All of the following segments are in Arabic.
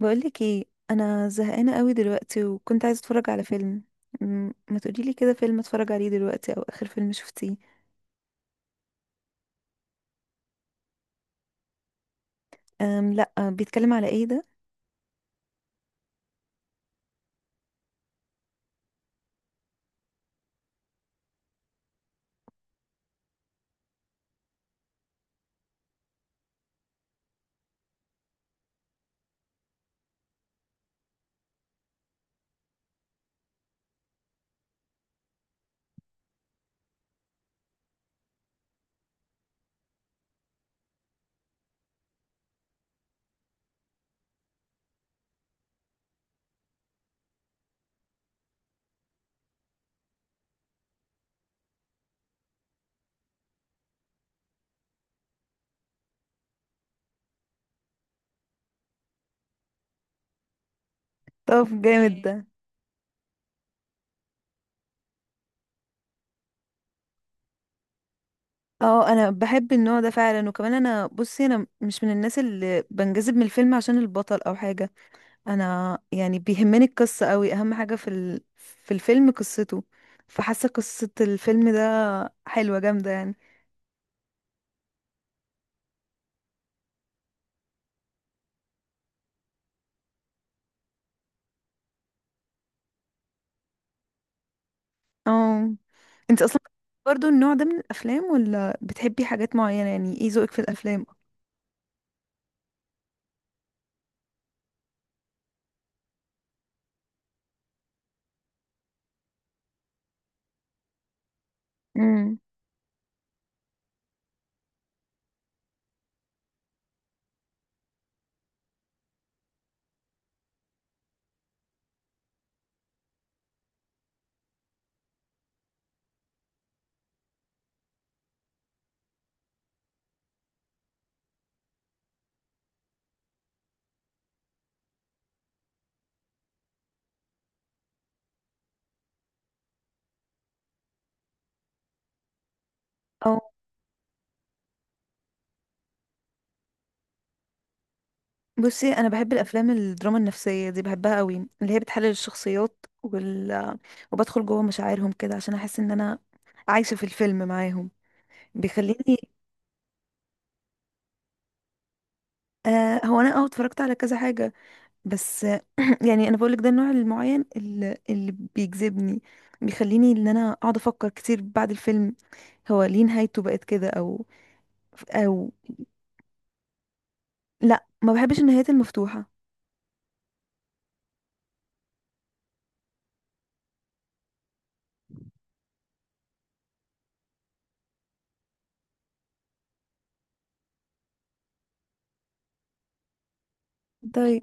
بقولك ايه؟ انا زهقانه قوي دلوقتي وكنت عايزه اتفرج على فيلم. ما تقوليلي كده فيلم اتفرج عليه دلوقتي او اخر فيلم شفتيه؟ أم، لا، بيتكلم على ايه ده؟ طب جامد ده. اه، انا بحب النوع ده فعلا، وكمان انا بصي، انا مش من الناس اللي بنجذب من الفيلم عشان البطل او حاجه. انا يعني بيهمني القصه قوي، اهم حاجه في الفيلم قصته. فحاسه قصه الفيلم ده حلوه جامده يعني. اه انت اصلا برضو النوع ده من الافلام، ولا بتحبي حاجات معينه؟ يعني ايه ذوقك في الافلام؟ امم، او. بصي انا بحب الافلام الدراما النفسيه دي، بحبها قوي، اللي هي بتحلل الشخصيات، وبدخل جوه مشاعرهم كده عشان احس ان انا عايشه في الفيلم معاهم. بيخليني. آه، هو انا اه اتفرجت على كذا حاجه، بس يعني انا بقولك ده النوع المعين اللي بيجذبني، بيخليني ان انا اقعد افكر كتير بعد الفيلم، هو ليه نهايته بقت كده، او او. لا، ما بحبش النهايات المفتوحة. طيب.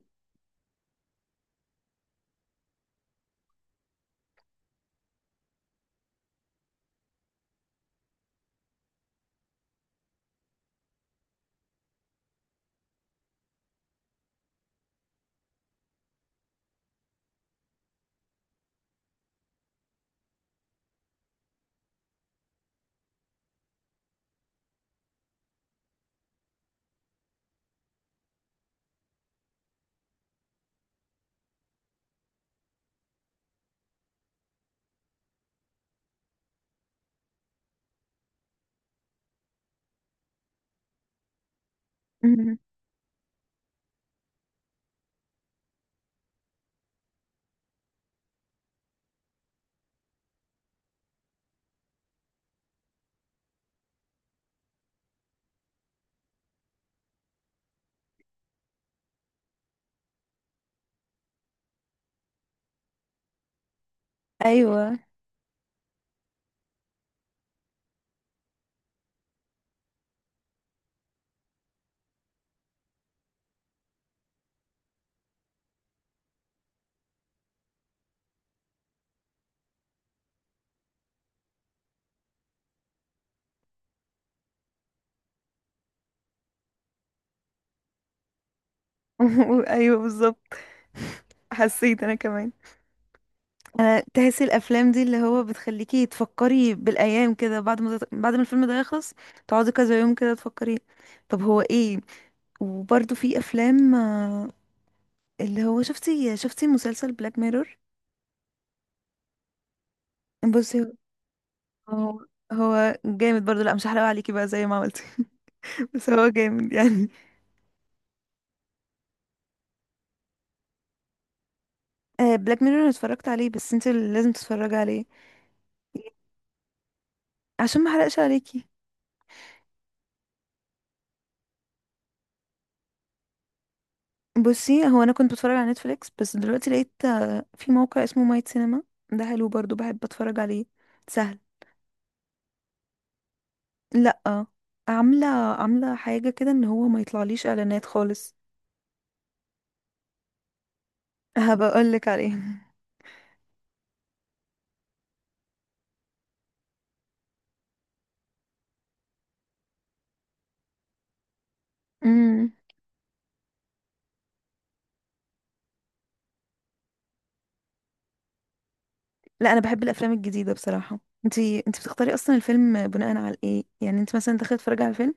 مهم. ايوه. ايوه بالظبط. حسيت انا كمان. انا تحسي الافلام دي اللي هو بتخليكي تفكري بالايام كده، بعد ما بعد ما الفيلم ده يخلص، تقعدي كذا يوم كده تفكري. طب هو ايه؟ وبرده في افلام اللي هو، شفتي مسلسل بلاك ميرور؟ بصي هو هو جامد برضه. لا مش هحرق عليكي بقى زي ما عملتي. بس هو جامد يعني. بلاك ميرور انا اتفرجت عليه، بس انت اللي لازم تتفرجي عليه، عشان ما احرقش عليكي. بصي، هو انا كنت بتفرج على نتفليكس، بس دلوقتي لقيت في موقع اسمه مايت سينما. ده حلو برضو، بحب اتفرج عليه، سهل. لا، عامله، عامله حاجه كده ان هو ما يطلعليش اعلانات خالص. هبقولك عليه. امم. لا، انا بحب الافلام الجديده بصراحه. انتي بتختاري اصلا الفيلم بناء على ايه؟ يعني انت مثلا داخله تتفرجي على الفيلم،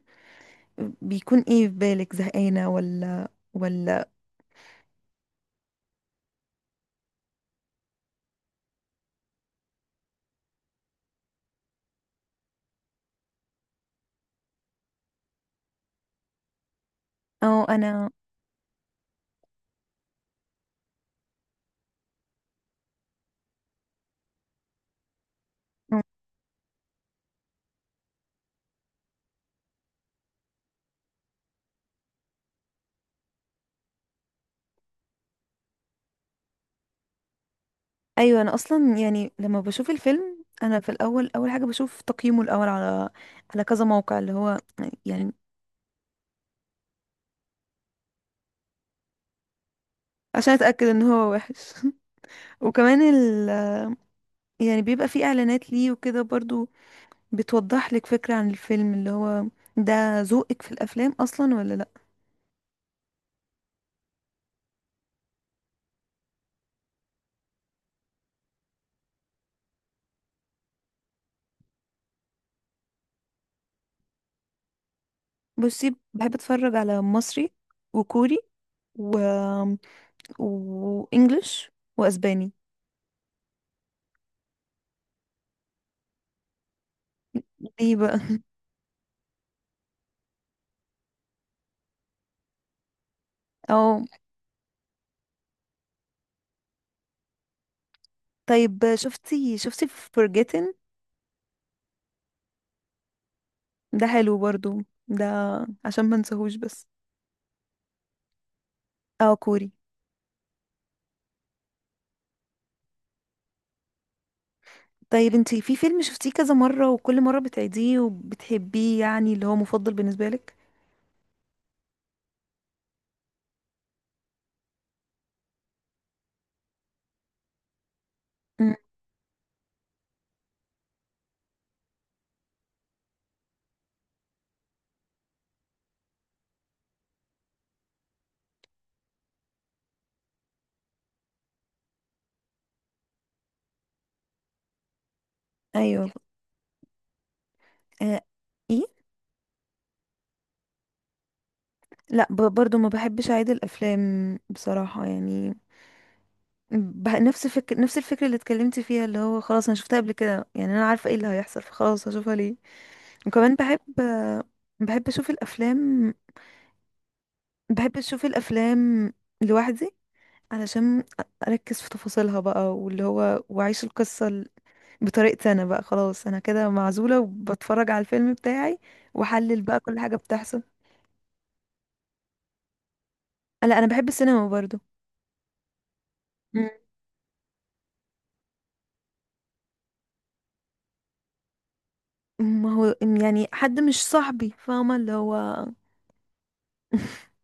بيكون ايه في بالك؟ زهقانه، ولا ولا اه انا ايوه. انا اصلا يعني لما بشوف الفيلم انا في الاول، اول حاجه بشوف تقييمه الاول على على كذا موقع، اللي هو يعني، عشان اتاكد ان هو وحش. وكمان ال... يعني بيبقى فيه اعلانات ليه وكده برضو، بتوضح لك فكره عن الفيلم اللي هو ده ذوقك في الافلام اصلا، ولا لا. بصي، بحب اتفرج على مصري، وكوري، و، وانجلش، واسباني. ليه بقى؟ او. طيب شفتي Forgotten؟ ده حلو برضو، ده عشان ما انساهوش بس. اه كوري. طيب انتي في فيلم شفتيه كذا مرة، وكل مرة بتعيديه وبتحبيه، يعني اللي هو مفضل بالنسبة لك؟ امم. ايوه. آه. ايه. لا، برضو ما بحبش اعيد الافلام بصراحة يعني. نفس الفكرة اللي اتكلمتي فيها، اللي هو خلاص انا شفتها قبل كده، يعني انا عارفة ايه اللي هيحصل، فخلاص هشوفها ليه؟ وكمان بحب، بحب اشوف الافلام بحب اشوف الافلام لوحدي، علشان اركز في تفاصيلها بقى، واللي هو واعيش القصة بطريقتي انا بقى، خلاص انا كده معزولة وبتفرج على الفيلم بتاعي، واحلل بقى كل حاجة بتحصل. لا، انا بحب السينما برضو. مم. ما هو يعني حد مش صاحبي، فاهمة اللي هو.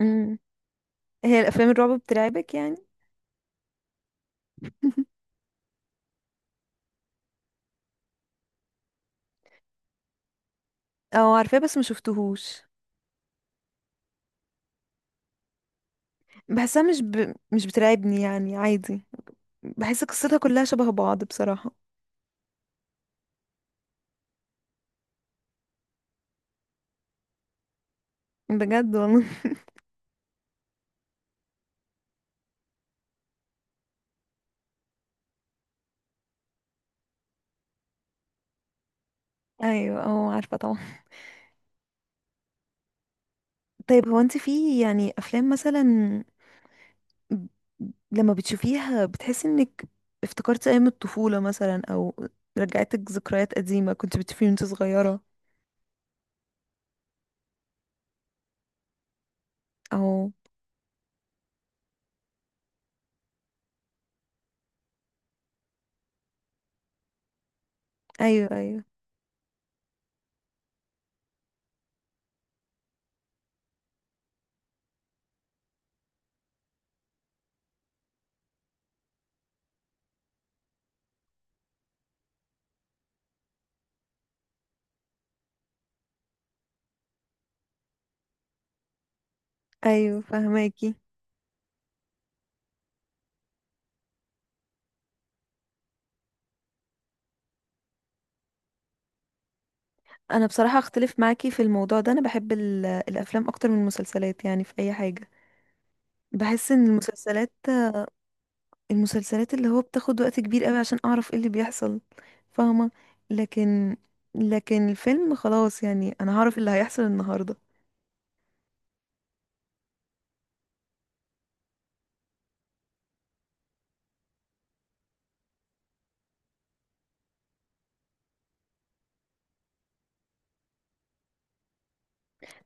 مم. هي الافلام الرعب بترعبك يعني؟ او، عارفاه بس ما شفتهوش. بحسها مش بترعبني يعني، عادي، بحس قصتها كلها شبه بعض بصراحة. بجد والله. ايوه اه عارفة طبعا. طيب هو انت في يعني افلام مثلا، ب- لما بتشوفيها بتحسي انك افتكرتي ايام الطفولة مثلا، او رجعتك ذكريات قديمة كنت بتشوفيه وانت صغيرة؟ او ايوه ايوه. ايوه فهماكي. انا بصراحة اختلف معاكي في الموضوع ده، انا بحب الافلام اكتر من المسلسلات، يعني في اي حاجة بحس ان المسلسلات، المسلسلات اللي هو بتاخد وقت كبير قوي عشان اعرف ايه اللي بيحصل، فاهمة؟ لكن، لكن الفيلم خلاص يعني، انا هعرف اللي هيحصل النهاردة.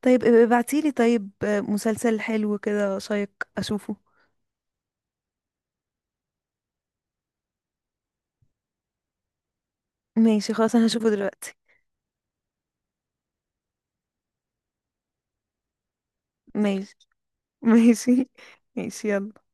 طيب ابقي ابعتيلي طيب مسلسل حلو كده شيق اشوفه. ماشي، خلاص انا هشوفه دلوقتي. ماشي. ماشي. ماشي يلا.